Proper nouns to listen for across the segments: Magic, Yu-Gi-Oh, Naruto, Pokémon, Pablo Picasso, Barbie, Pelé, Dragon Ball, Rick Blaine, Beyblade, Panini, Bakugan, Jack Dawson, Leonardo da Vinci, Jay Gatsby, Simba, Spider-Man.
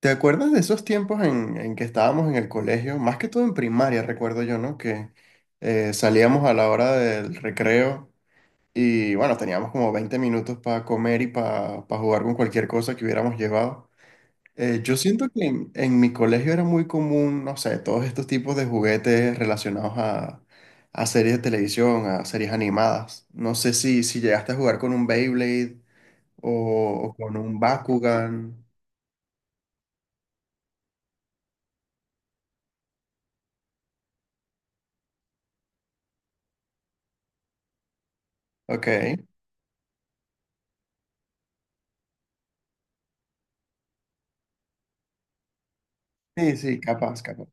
¿Te acuerdas de esos tiempos en que estábamos en el colegio? Más que todo en primaria, recuerdo yo, ¿no? Que salíamos a la hora del recreo. Y bueno, teníamos como 20 minutos para comer y para jugar con cualquier cosa que hubiéramos llevado. Yo siento que en mi colegio era muy común, no sé, todos estos tipos de juguetes relacionados a series de televisión, a series animadas. No sé si llegaste a jugar con un Beyblade o, o con un Bakugan. Ok. Sí, sí, capaz, capaz.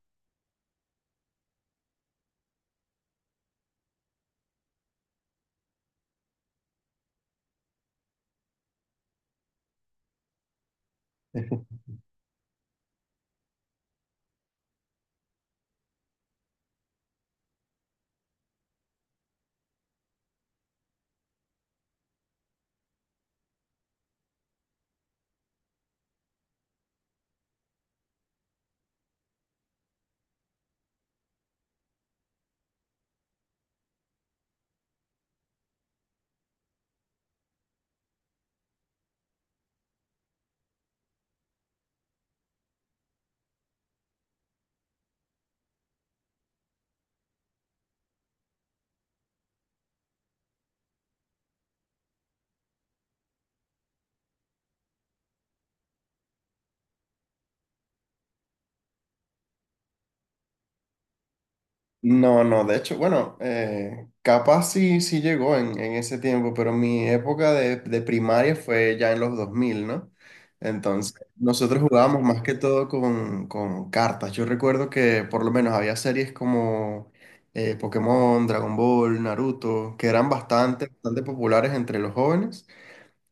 No, no, de hecho, bueno, capaz sí, sí llegó en ese tiempo, pero mi época de primaria fue ya en los 2000, ¿no? Entonces, nosotros jugábamos más que todo con cartas. Yo recuerdo que por lo menos había series como Pokémon, Dragon Ball, Naruto, que eran bastante, bastante populares entre los jóvenes.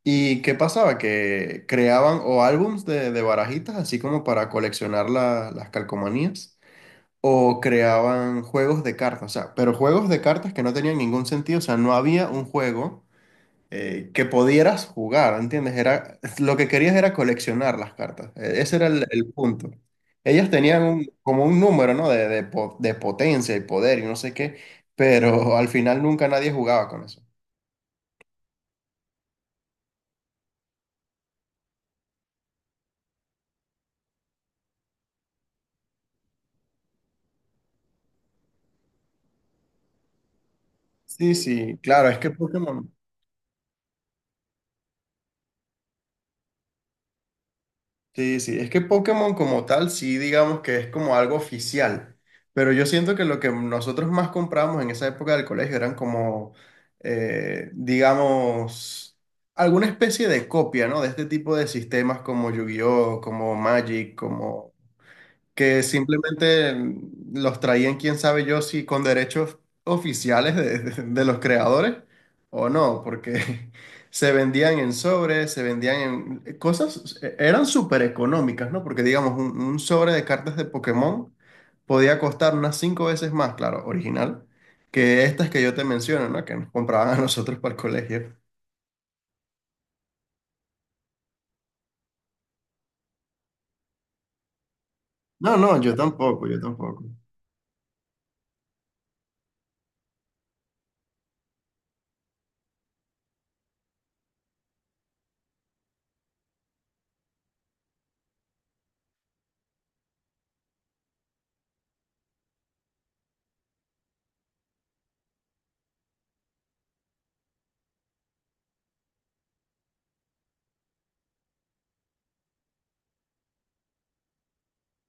¿Y qué pasaba? Que creaban o álbums de barajitas, así como para coleccionar las calcomanías. O creaban juegos de cartas, o sea, pero juegos de cartas que no tenían ningún sentido, o sea, no había un juego que pudieras jugar, ¿entiendes? Era, lo que querías era coleccionar las cartas, ese era el punto. Ellas tenían como un número, ¿no? De potencia y poder y no sé qué, pero al final nunca nadie jugaba con eso. Sí, sí, claro, es que Pokémon... Sí, sí, es que Pokémon como tal sí digamos que es como algo oficial, pero yo siento que lo que nosotros más comprábamos en esa época del colegio eran como, digamos, alguna especie de copia, ¿no? De este tipo de sistemas como Yu-Gi-Oh, como Magic, como que simplemente los traían, quién sabe yo, si con derechos oficiales de los creadores o no, porque se vendían en sobres, se vendían en cosas, eran súper económicas, ¿no? Porque digamos, un sobre de cartas de Pokémon podía costar unas cinco veces más, claro, original, que estas que yo te menciono, ¿no? Que nos compraban a nosotros para el colegio. No, no, yo tampoco, yo tampoco.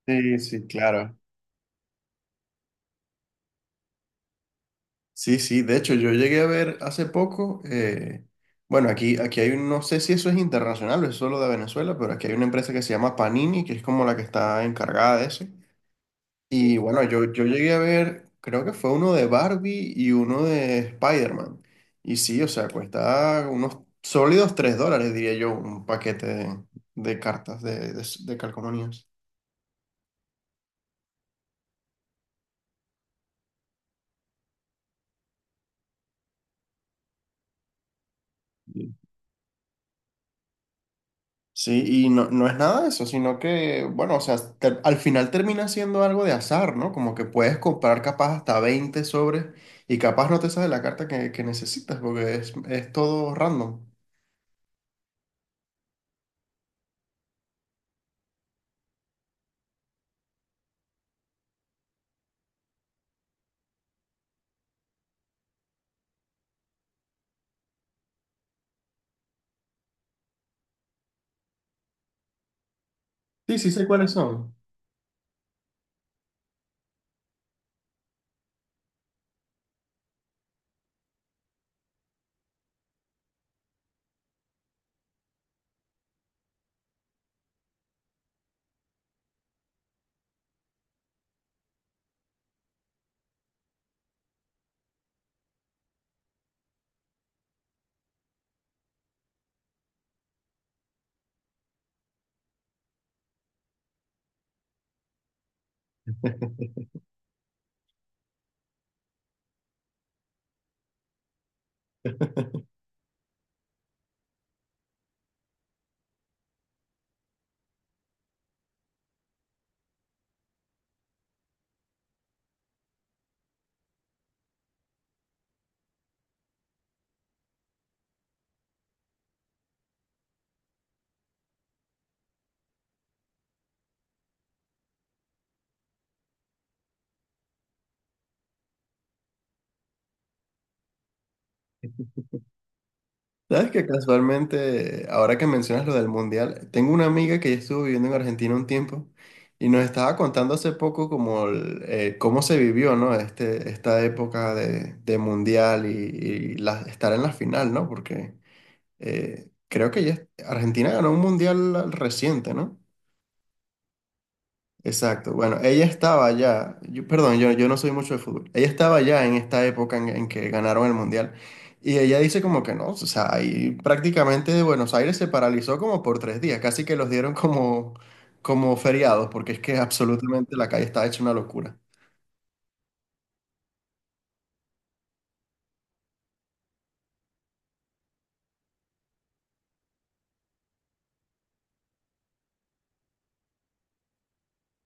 Sí, sí, claro. Sí, sí, de hecho yo llegué a ver hace poco, bueno, aquí, aquí hay un, no sé si eso es internacional o es solo de Venezuela, pero aquí hay una empresa que se llama Panini, que es como la que está encargada de eso. Y bueno, yo llegué a ver, creo que fue uno de Barbie y uno de Spider-Man. Y sí, o sea, cuesta unos sólidos $3, diría yo, un paquete de cartas de calcomanías. Sí, y no, no es nada de eso, sino que, bueno, o sea, al final termina siendo algo de azar, ¿no? Como que puedes comprar capaz hasta 20 sobres y capaz no te sale la carta que necesitas, porque es todo random. Sí, sí sé cuáles son. Sabes que casualmente, ahora que mencionas lo del mundial, tengo una amiga que ya estuvo viviendo en Argentina un tiempo y nos estaba contando hace poco como cómo se vivió, ¿no? Este, esta época de mundial y, estar en la final, ¿no? Porque creo que ella, Argentina ganó un mundial reciente, ¿no? Exacto. Bueno, ella estaba ya, yo- perdón, yo no soy mucho de fútbol. Ella estaba ya en esta época en que ganaron el mundial. Y ella dice como que no, o sea, ahí prácticamente Buenos Aires se paralizó como por 3 días, casi que los dieron como, como feriados, porque es que absolutamente la calle está hecha una locura.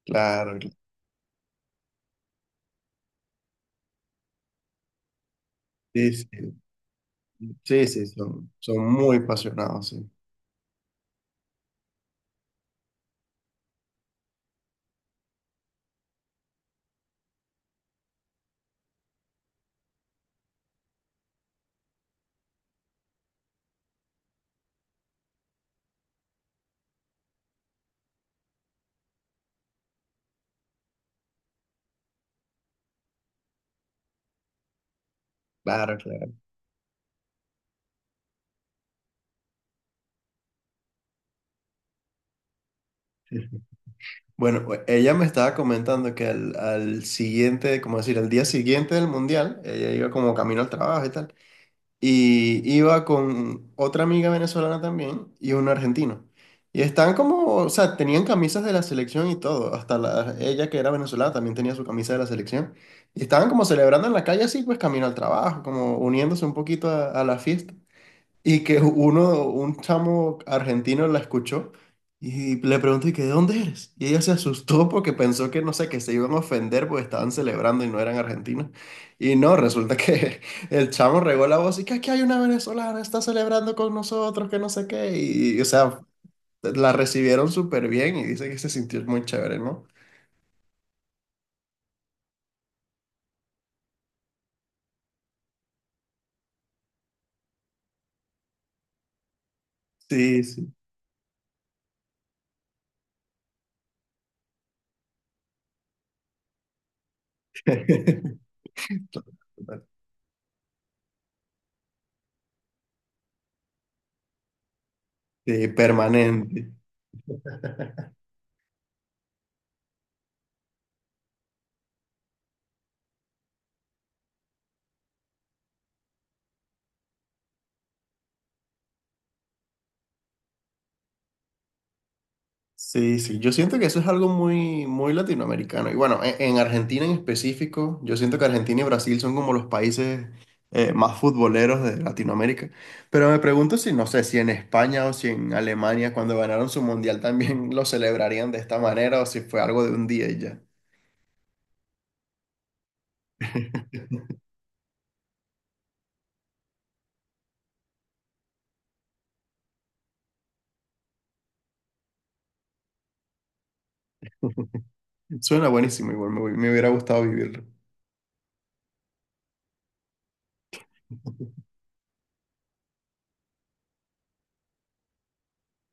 Claro, claro. Sí, sí, sí, sí, son muy apasionados, sí. Claro, claro. Sí, bueno, pues, ella me estaba comentando que al siguiente, como decir, al día siguiente del mundial, ella iba como camino al trabajo y tal, y iba con otra amiga venezolana también y un argentino. Y estaban como, o sea, tenían camisas de la selección y todo, hasta la, ella que era venezolana también tenía su camisa de la selección. Y estaban como celebrando en la calle así, pues camino al trabajo, como uniéndose un poquito a la fiesta. Y que uno, un chamo argentino la escuchó y le preguntó, ¿y que de dónde eres? Y ella se asustó porque pensó que, no sé, que se iban a ofender porque estaban celebrando y no eran argentinos. Y no, resulta que el chamo regó la voz y que aquí hay una venezolana, está celebrando con nosotros, que no sé qué. Y, o sea, la recibieron súper bien y dice que se sintió muy chévere, ¿no? Sí, sí. Sí, permanente. Sí, sí, yo siento que eso es algo muy, muy latinoamericano. Y bueno, en Argentina en específico, yo siento que Argentina y Brasil son como los países más futboleros de Latinoamérica. Pero me pregunto si, no sé, si en España o si en Alemania, cuando ganaron su mundial, también lo celebrarían de esta manera o si fue algo de un día y ya. Suena buenísimo, igual me hubiera gustado vivirlo.